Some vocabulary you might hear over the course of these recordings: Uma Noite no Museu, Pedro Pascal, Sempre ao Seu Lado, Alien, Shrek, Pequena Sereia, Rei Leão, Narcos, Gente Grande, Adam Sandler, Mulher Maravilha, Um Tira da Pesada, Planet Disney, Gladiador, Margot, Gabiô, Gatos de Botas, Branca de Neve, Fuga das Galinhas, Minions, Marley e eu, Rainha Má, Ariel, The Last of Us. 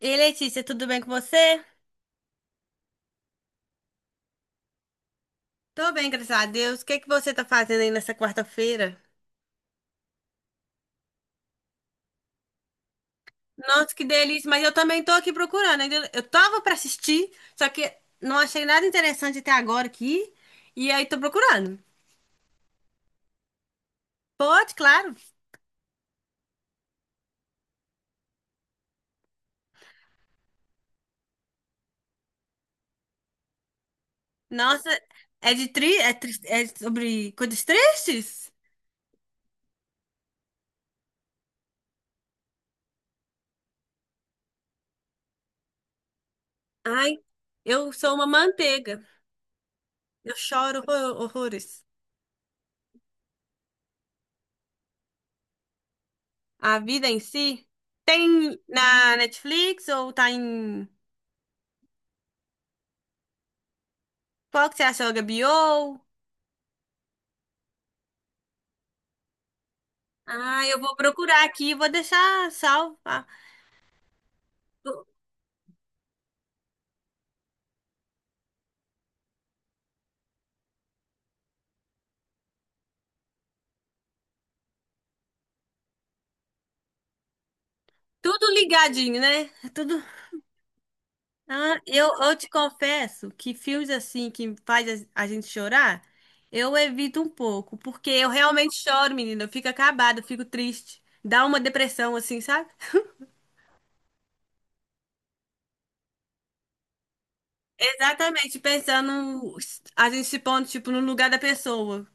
E Letícia, tudo bem com você? Tô bem, graças a Deus. O que que você tá fazendo aí nessa quarta-feira? Nossa, que delícia, mas eu também tô aqui procurando. Eu tava pra assistir, só que não achei nada interessante até agora aqui. E aí tô procurando. Pode, claro. Nossa, é de tri- é sobre coisas tristes? Ai, eu sou uma manteiga. Eu choro horrores. A vida em si tem na Netflix ou tá em... Qual que você achou, HBO? Ah, eu vou procurar aqui, e vou deixar salvo. Ah, tu- Tudo ligadinho, né? É tudo. Ah, eu te confesso que filmes assim que faz a gente chorar, eu evito um pouco, porque eu realmente choro, menina. Eu fico acabada, eu fico triste. Dá uma depressão, assim, sabe? Exatamente, pensando, a gente se pondo, tipo, no lugar da pessoa.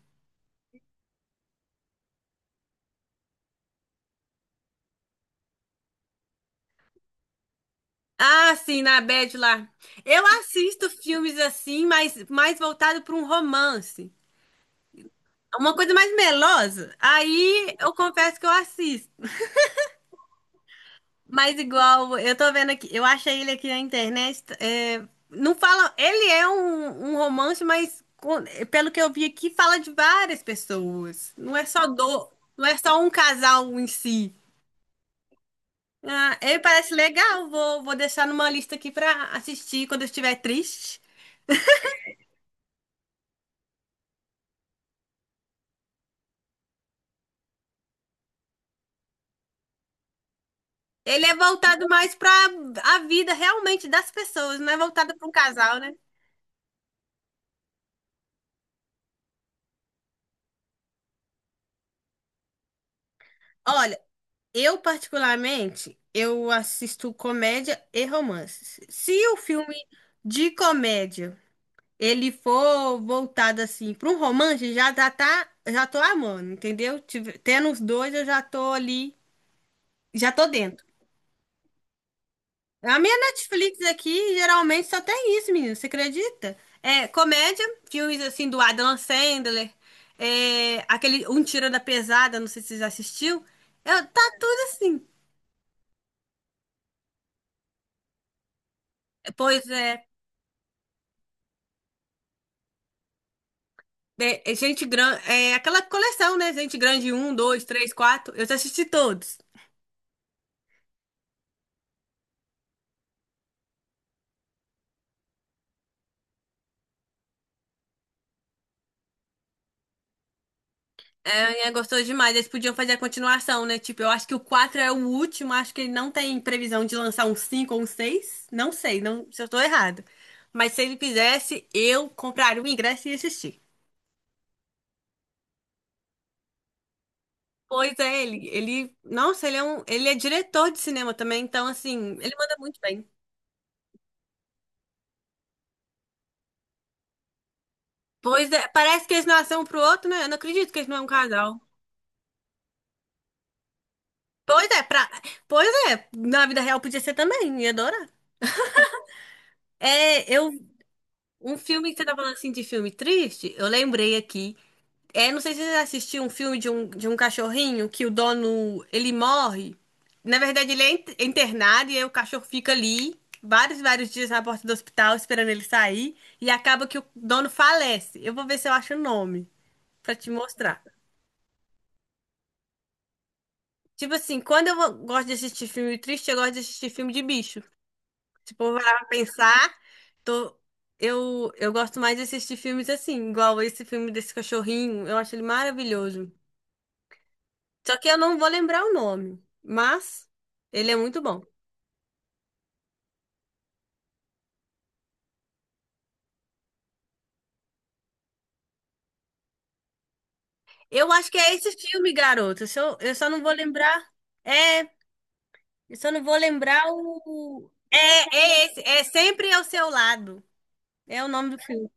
Ah, sim, na Bad lá. Eu assisto filmes assim, mas mais voltado para um romance. Uma coisa mais melosa. Aí eu confesso que eu assisto. Mas igual, eu tô vendo aqui, eu achei ele aqui na internet. É, não fala. Ele é um romance, pelo que eu vi aqui, fala de várias pessoas. Não é só um casal em si. Ah, ele parece legal. Vou deixar numa lista aqui pra assistir quando eu estiver triste. Ele é voltado mais pra a vida realmente das pessoas, não é voltado pra um casal, né? Olha, eu, particularmente, eu assisto comédia e romance. Se o filme de comédia ele for voltado assim para um romance, já tô amando, entendeu? Tendo os dois, eu já tô ali, já tô dentro. A minha Netflix aqui geralmente só tem isso, menino. Você acredita? É comédia, filmes assim do Adam Sandler, é, aquele Um Tira da Pesada, não sei se você já assistiu. Eu, tá tudo assim. Pois é. É, é Gente Grande, é aquela coleção, né? Gente Grande, um, dois, três, quatro. Eu já assisti todos. É, a gostou demais. Eles podiam fazer a continuação, né? Tipo, eu acho que o quatro é o último. Acho que ele não tem previsão de lançar um cinco ou um seis. Não sei, não, se eu tô errado. Mas se ele fizesse, eu compraria o ingresso e ia assistir. Pois é, nossa, ele é diretor de cinema também, então assim, ele manda muito bem. Pois é, parece que eles nasceram um pro outro, né? Eu não acredito que eles não é um casal. Pois é, pra... pois é, na vida real podia ser também, ia adorar. É, eu, um filme que você tá falando assim de filme triste, eu lembrei aqui. É, não sei se você já assistiu um filme de um cachorrinho que o dono, ele morre. Na verdade, ele é internado e aí o cachorro fica ali vários dias na porta do hospital esperando ele sair e acaba que o dono falece. Eu vou ver se eu acho o nome pra te mostrar. Tipo assim, gosto de assistir filme triste, eu gosto de assistir filme de bicho. Tipo, eu parar pra pensar. Tô... Eu gosto mais de assistir filmes assim, igual esse filme desse cachorrinho. Eu acho ele maravilhoso. Só que eu não vou lembrar o nome, mas ele é muito bom. Eu acho que é esse filme, garoto. Se Eu só, eu só não vou lembrar. É, eu só não vou lembrar o. É, é esse. É Sempre ao Seu Lado. É o nome do filme.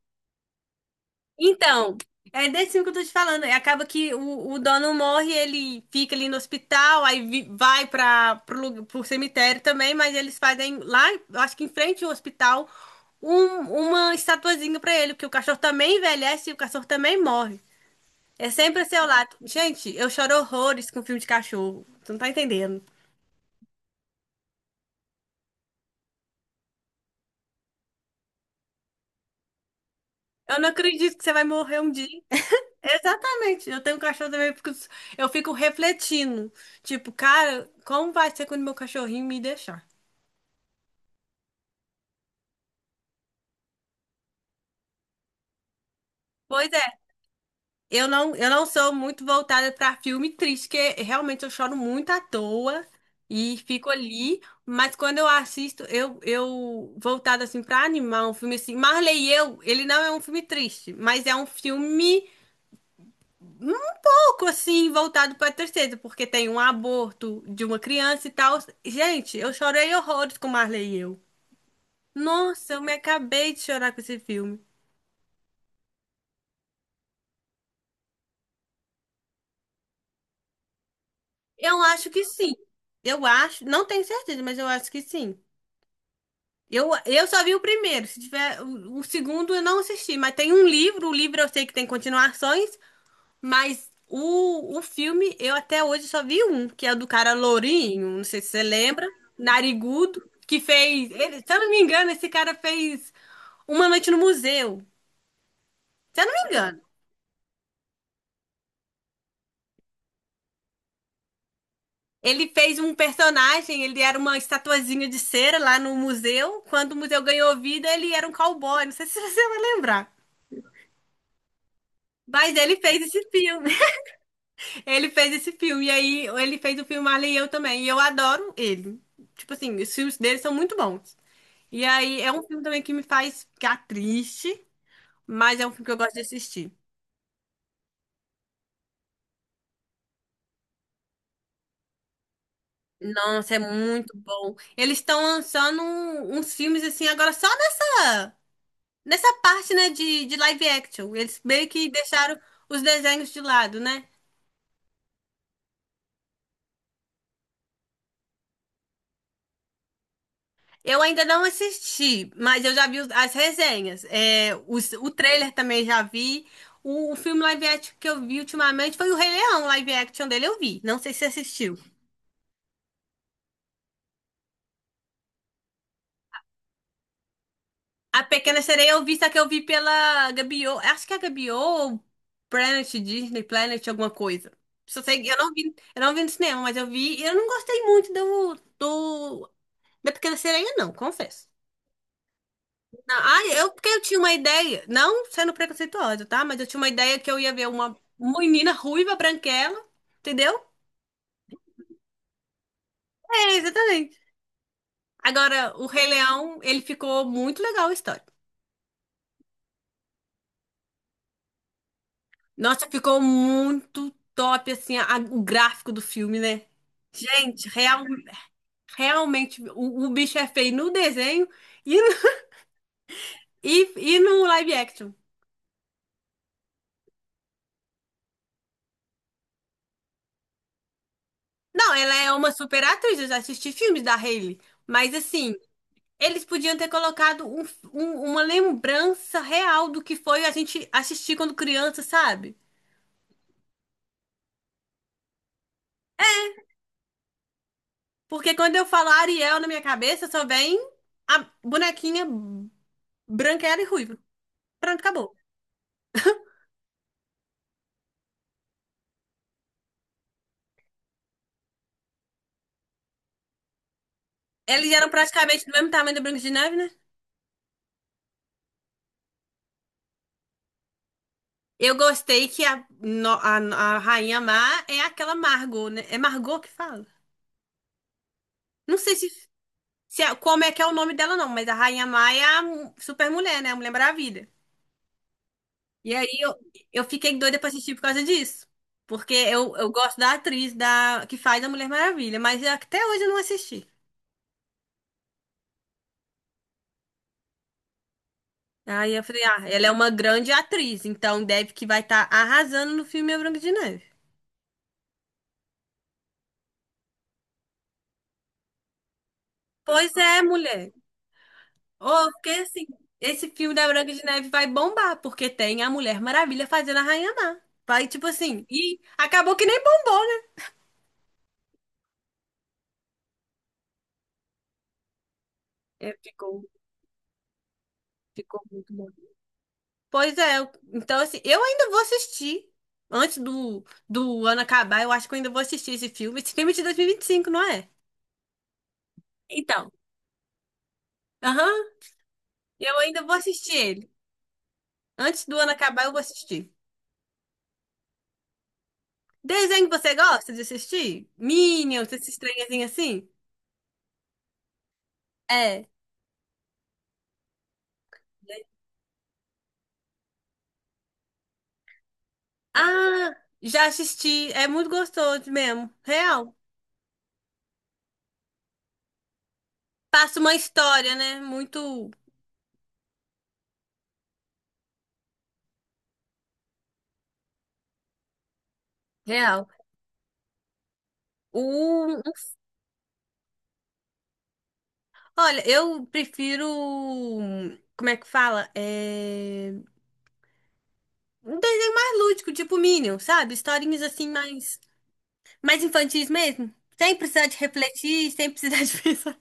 Então, é desse filme que eu tô te falando. E acaba que o dono morre, ele fica ali no hospital, aí vai pro cemitério também, mas eles fazem lá, eu acho que em frente ao hospital, uma estatuazinha pra ele, porque o cachorro também envelhece e o cachorro também morre. É sempre a seu lado. Gente, eu choro horrores com filme de cachorro. Tu não tá entendendo. Eu não acredito que você vai morrer um dia. Exatamente. Eu tenho um cachorro também, porque eu fico refletindo. Tipo, cara, como vai ser quando meu cachorrinho me deixar? Pois é, eu não sou muito voltada pra filme triste, porque realmente eu choro muito à toa e fico ali, mas quando eu assisto, eu voltada assim pra animar um filme assim. Marley e eu, ele não é um filme triste, mas é um filme um pouco assim voltado pra tristeza, porque tem um aborto de uma criança e tal. Gente, eu chorei horrores com Marley e eu. Nossa, eu me acabei de chorar com esse filme. Eu acho que sim. Eu acho, não tenho certeza, mas eu acho que sim. Eu só vi o primeiro. Se tiver o segundo, eu não assisti. Mas tem um livro. O livro eu sei que tem continuações, mas o filme eu até hoje só vi um, que é o do cara lourinho. Não sei se você lembra, narigudo, se eu não me engano, esse cara fez Uma Noite no Museu. Se eu não me engano. Ele fez um personagem, ele era uma estatuazinha de cera lá no museu. Quando o museu ganhou vida, ele era um cowboy. Não sei se você vai lembrar. Mas ele fez esse filme. Ele fez esse filme. E aí ele fez o filme Alien e Eu Também. E eu adoro ele. Tipo assim, os filmes dele são muito bons. E aí é um filme também que me faz ficar triste, mas é um filme que eu gosto de assistir. Nossa, é muito bom. Eles estão lançando uns filmes assim agora só da... Nessa parte, né, de live action, eles meio que deixaram os desenhos de lado, né? Eu ainda não assisti, mas eu já vi as resenhas. É, o trailer também já vi. O filme live action que eu vi ultimamente foi o Rei Leão, o live action dele eu vi. Não sei se você assistiu. A Pequena Sereia eu vi, só que eu vi pela Gabiô. Acho que é a Gabiô ou Planet Disney, Planet, alguma coisa. Só sei, eu não vi no cinema, mas eu vi. E eu não gostei muito da Pequena Sereia, não, confesso. Não, ah, eu, porque eu tinha uma ideia, não sendo preconceituosa, tá? Mas eu tinha uma ideia que eu ia ver uma menina ruiva, branquela, entendeu? É, exatamente. Agora, o Rei Leão, ele ficou muito legal a história. Nossa, ficou muito top, assim, o gráfico do filme, né? Gente, real, realmente, o bicho é feio no desenho e, no- e no live action. Não, ela é uma super atriz, eu já assisti filmes da Hailey, mas assim. Eles podiam ter colocado uma lembrança real do que foi a gente assistir quando criança, sabe? Porque quando eu falo Ariel na minha cabeça, só vem a bonequinha branquela e ruiva. Pronto, acabou. Eles eram praticamente do mesmo tamanho da Branca de Neve, né? Eu gostei que a, no- a Rainha Má é aquela Margot, né? É Margot que fala. Não sei se, se é- como é que é o nome dela, não, mas a Rainha Má é a super mulher, né? A Mulher Maravilha. E aí eu fiquei doida pra assistir por causa disso. Porque eu gosto da atriz da, que faz a Mulher Maravilha, mas até hoje eu não assisti. Aí eu falei, ah, ela é uma grande atriz, então deve que vai estar arrasando no filme A Branca de Neve. Pois é, mulher. Ô, porque assim, esse filme da Branca de Neve vai bombar, porque tem a Mulher Maravilha fazendo a Rainha Má. Vai, tipo assim, e acabou que nem bombou, né? É, ficou, ficou muito... Pois é, então assim, eu ainda vou assistir. Antes do ano acabar, eu acho que eu ainda vou assistir esse filme. Esse filme é de 2025, não é? Então, aham, eu ainda vou assistir ele. Antes do ano acabar, eu vou assistir. Desenho que você gosta de assistir? Minions, esses trenzinhos assim? É. Ah, já assisti. É muito gostoso mesmo. Real. Passa uma história, né? Muito real. Olha, eu prefiro... um, como é que fala? É... um desenho mais lúdico, tipo Minion, sabe? Historinhas assim mais, mais infantis mesmo. Sem precisar de refletir, sem precisar de pensar.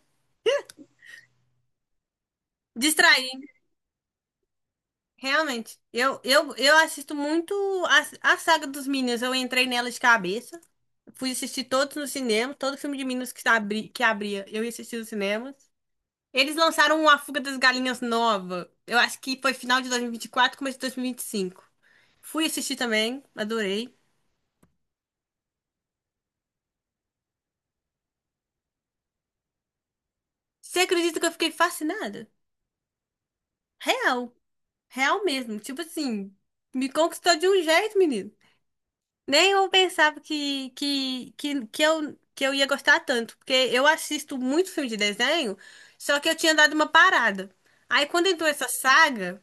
Distrair, realmente. Eu assisto muito a saga dos Minions. Eu entrei nela de cabeça. Fui assistir todos no cinema. Todo filme de Minions que abria, eu ia assistir nos cinemas. Eles lançaram A Fuga das Galinhas nova. Eu acho que foi final de 2024, começo de 2025. Fui assistir também, adorei. Você acredita que eu fiquei fascinada? Real, real mesmo. Tipo assim, me conquistou de um jeito, menino. Nem eu pensava que eu ia gostar tanto. Porque eu assisto muito filme de desenho, só que eu tinha dado uma parada. Aí quando entrou essa saga,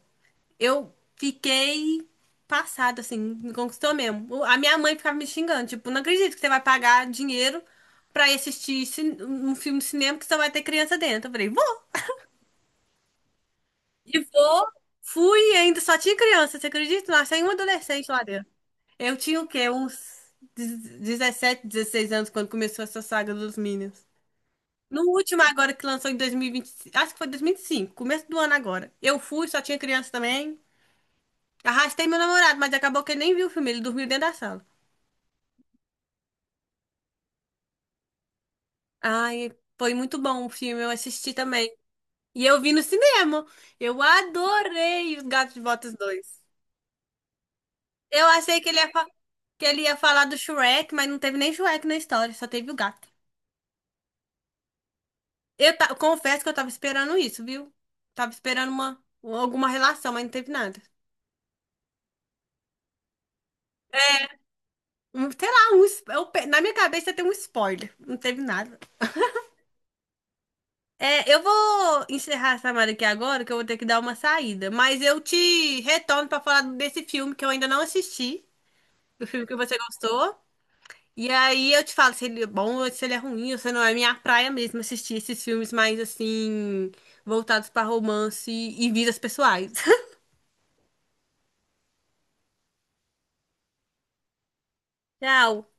eu fiquei passada, assim, me conquistou mesmo. A minha mãe ficava me xingando, tipo, não acredito que você vai pagar dinheiro pra ir um filme de cinema que só vai ter criança dentro. Eu falei, e vou, fui e ainda, só tinha criança, você acredita? Não achei um adolescente lá dentro. Eu tinha o quê? Uns 17, 16 anos quando começou essa saga dos Minions. No último agora que lançou em 2025, acho que foi 2005 começo do ano agora. Eu fui, só tinha criança também. Arrastei meu namorado, mas acabou que ele nem viu o filme, ele dormiu dentro da sala. Ai, foi muito bom o filme, eu assisti também. E eu vi no cinema. Eu adorei Os Gatos de Botas dois. Eu achei que que ele ia falar do Shrek, mas não teve nem Shrek na história, só teve o gato. Eu confesso que eu tava esperando isso, viu? Tava esperando uma, alguma relação, mas não teve nada. Um- sei lá, um, es- eu pe- na minha cabeça tem um spoiler, não teve nada. É, eu vou encerrar essa chamada aqui agora, que eu vou ter que dar uma saída. Mas eu te retorno pra falar desse filme que eu ainda não assisti, do filme que você gostou. E aí eu te falo se ele é bom ou se ele é ruim, ou se não é minha praia mesmo assistir esses filmes mais assim, voltados pra romance e vidas pessoais. Tchau.